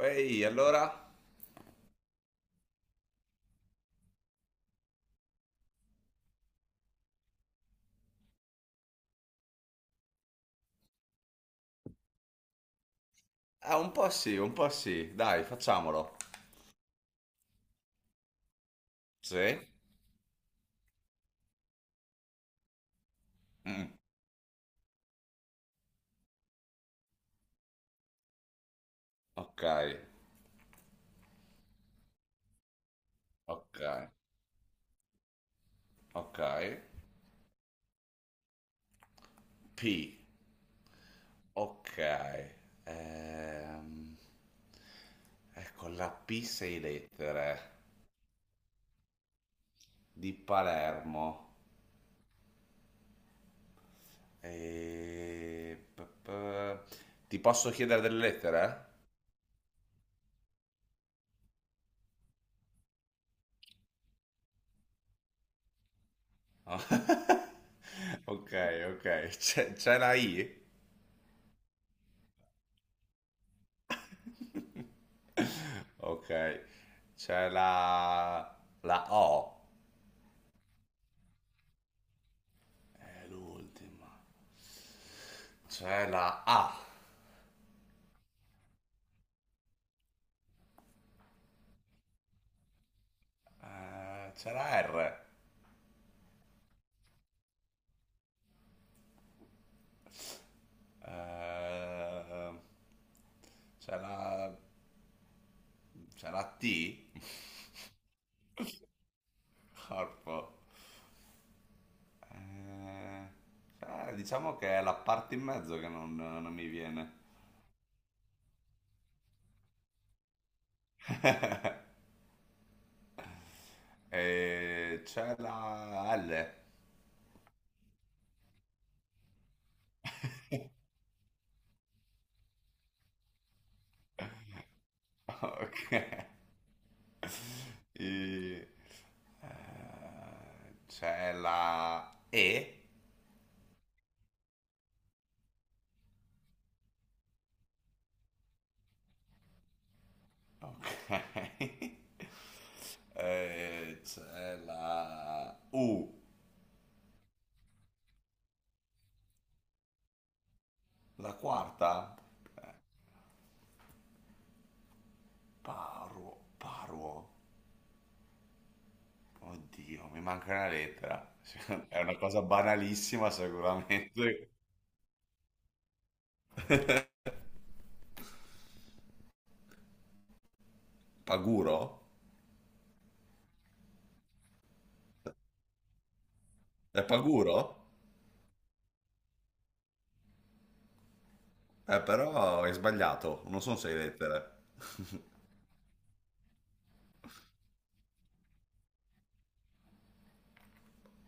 Ehi, allora? Ah, un po' sì, un po' sì. Dai, facciamolo. Sì? Ok, ok, ok. P, ok. Ehm, ecco, la P sei lettere di Palermo. E... p- p- Ti posso chiedere delle lettere? Ok, ok. C'è la I? Ok. C'è la O. È l'ultima. C'è la A, c'è la R, eh, c'è la, c'è la T, corpo. Eh, diciamo che è la parte in mezzo che non mi viene. E c'è la L, ok. I- C'è la E, ok. C'è la U. La quarta? Paruo, paruo. Oddio, mi manca una lettera. È una cosa banalissima sicuramente. Paguro? È paguro? Però hai sbagliato, non sono sei lettere.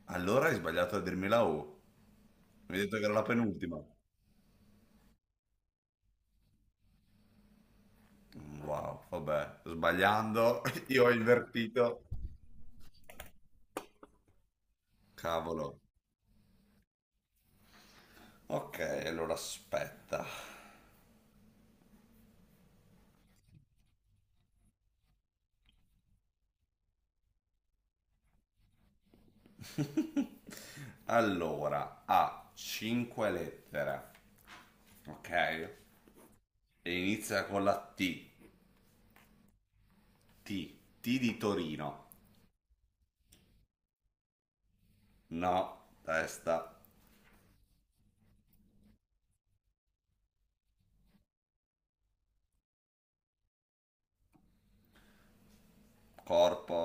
Allora hai sbagliato a dirmi la U. Mi hai detto che era la penultima. Wow, vabbè, sbagliando, io ho invertito. Cavolo. Ok, allora aspetta. Allora, ha 5 lettere. Ok. E inizia con la T. T. T di Torino. No. Testa. Corpo.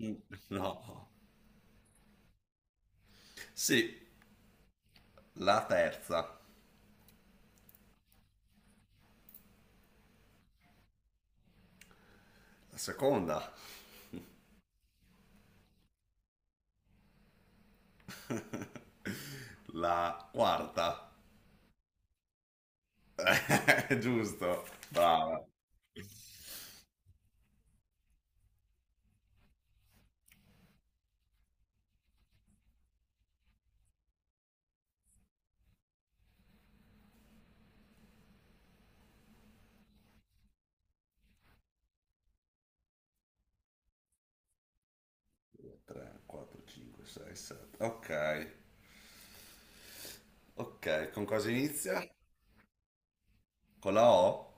No. Sì, la terza. La seconda. La quarta. Giusto. Brava. 3, 4, 5, 6, 7. Ok. Ok, con cosa inizia? Con la O.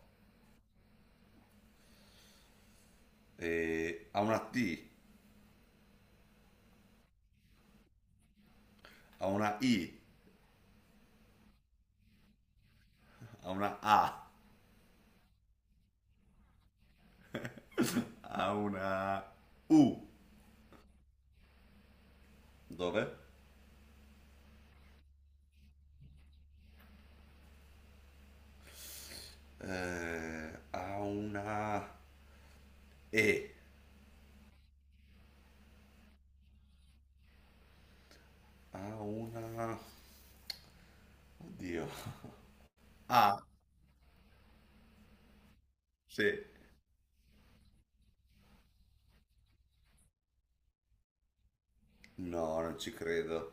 E ha una T. Ha una I. Ha una A. Ha una U. Dove? Ha una E, ha una... Oddio. Ah, sì. No, non ci credo.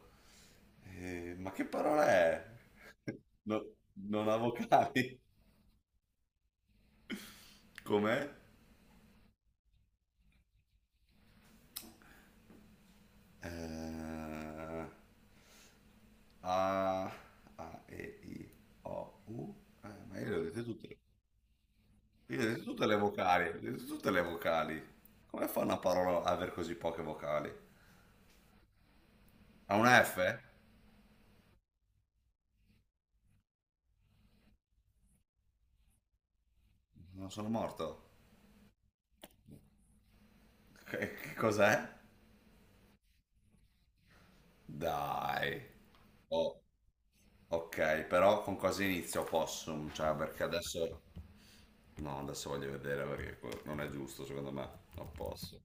Ma che parola è? No- non ha vocali. Com'è? Eh, A, A, E, I, O, U. Ma io le ho dette tutte. Io le ho dette tutte le vocali. Le ho dette tutte le vocali. Come fa una parola a aver così poche vocali? Ha una F? Non sono morto. Che cos'è? Dai. Oh, ok, però con cosa inizio Possum? Cioè, perché adesso... No, adesso voglio vedere perché que- non è giusto, secondo me. Non posso.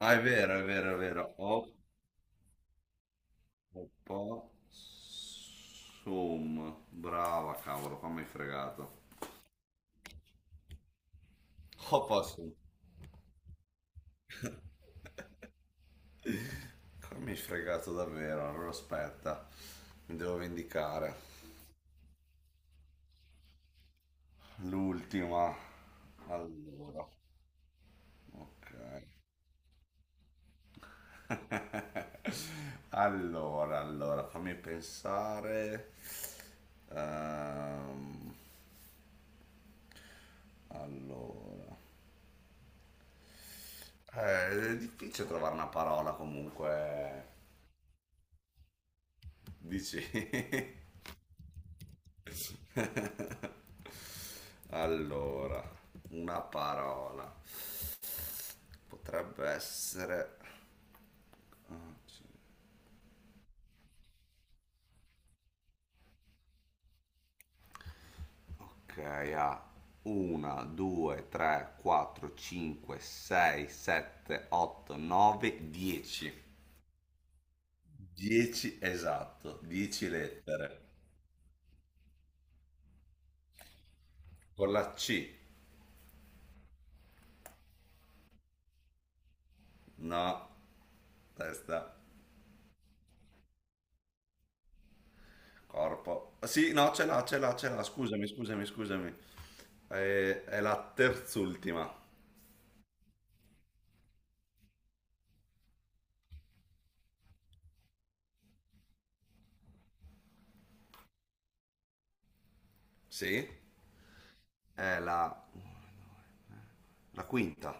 Ah, è vero, è vero, è vero. Ho Possum. Brava, cavolo, qua mi hai fregato. Ho Possum. Qua mi hai fregato davvero, allora aspetta. Mi devo vendicare. L'ultima. Allora, ok. Allora, fammi pensare. Ehm, allora. È difficile trovare una parola comunque. Dici? Allora, una parola. Potrebbe essere... Ah, sì. Ok, ha 1, 2, 3, 4, 5, 6, 7, 8, 9, 10. 10 esatto, 10 lettere. Con la C, no, testa, corpo. Sì, no, ce l'ha, ce l'ha, ce l'ha, scusami, scusami, scusami. È la terz'ultima. Sì, è la quinta,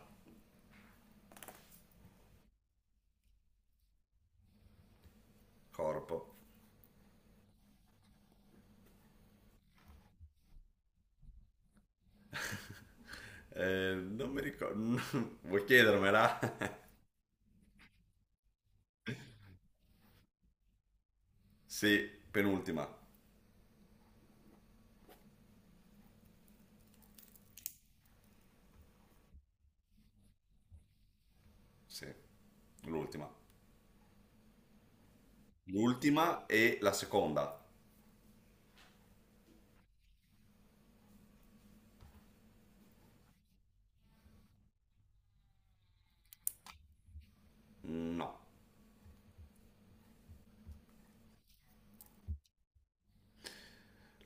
corpo. Non mi ricordo. Vuoi chiedermela? Sì, penultima. Sì, l'ultima. L'ultima e la seconda? No.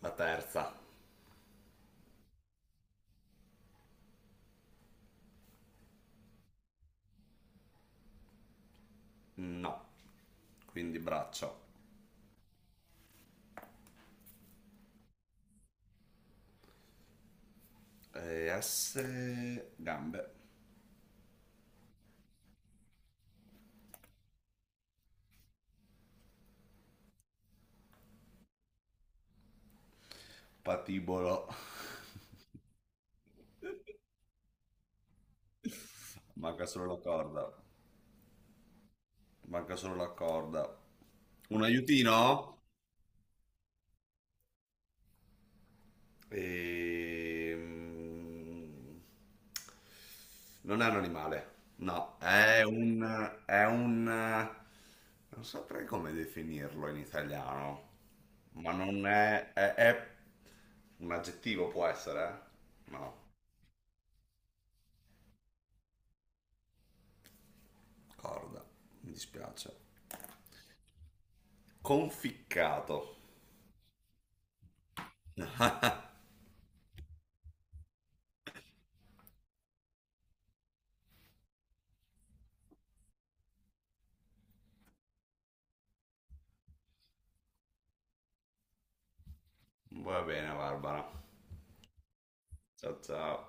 La terza? No. Quindi braccio. S, gambe. Patibolo. Manca solo la corda. Manca solo la corda. Un aiutino? Ehm, Non è un animale, no, è un, non saprei come definirlo in italiano, ma non è, è un aggettivo può essere? Eh? No, corda, mi dispiace. Conficcato. Va bene, Barbara. Ciao ciao.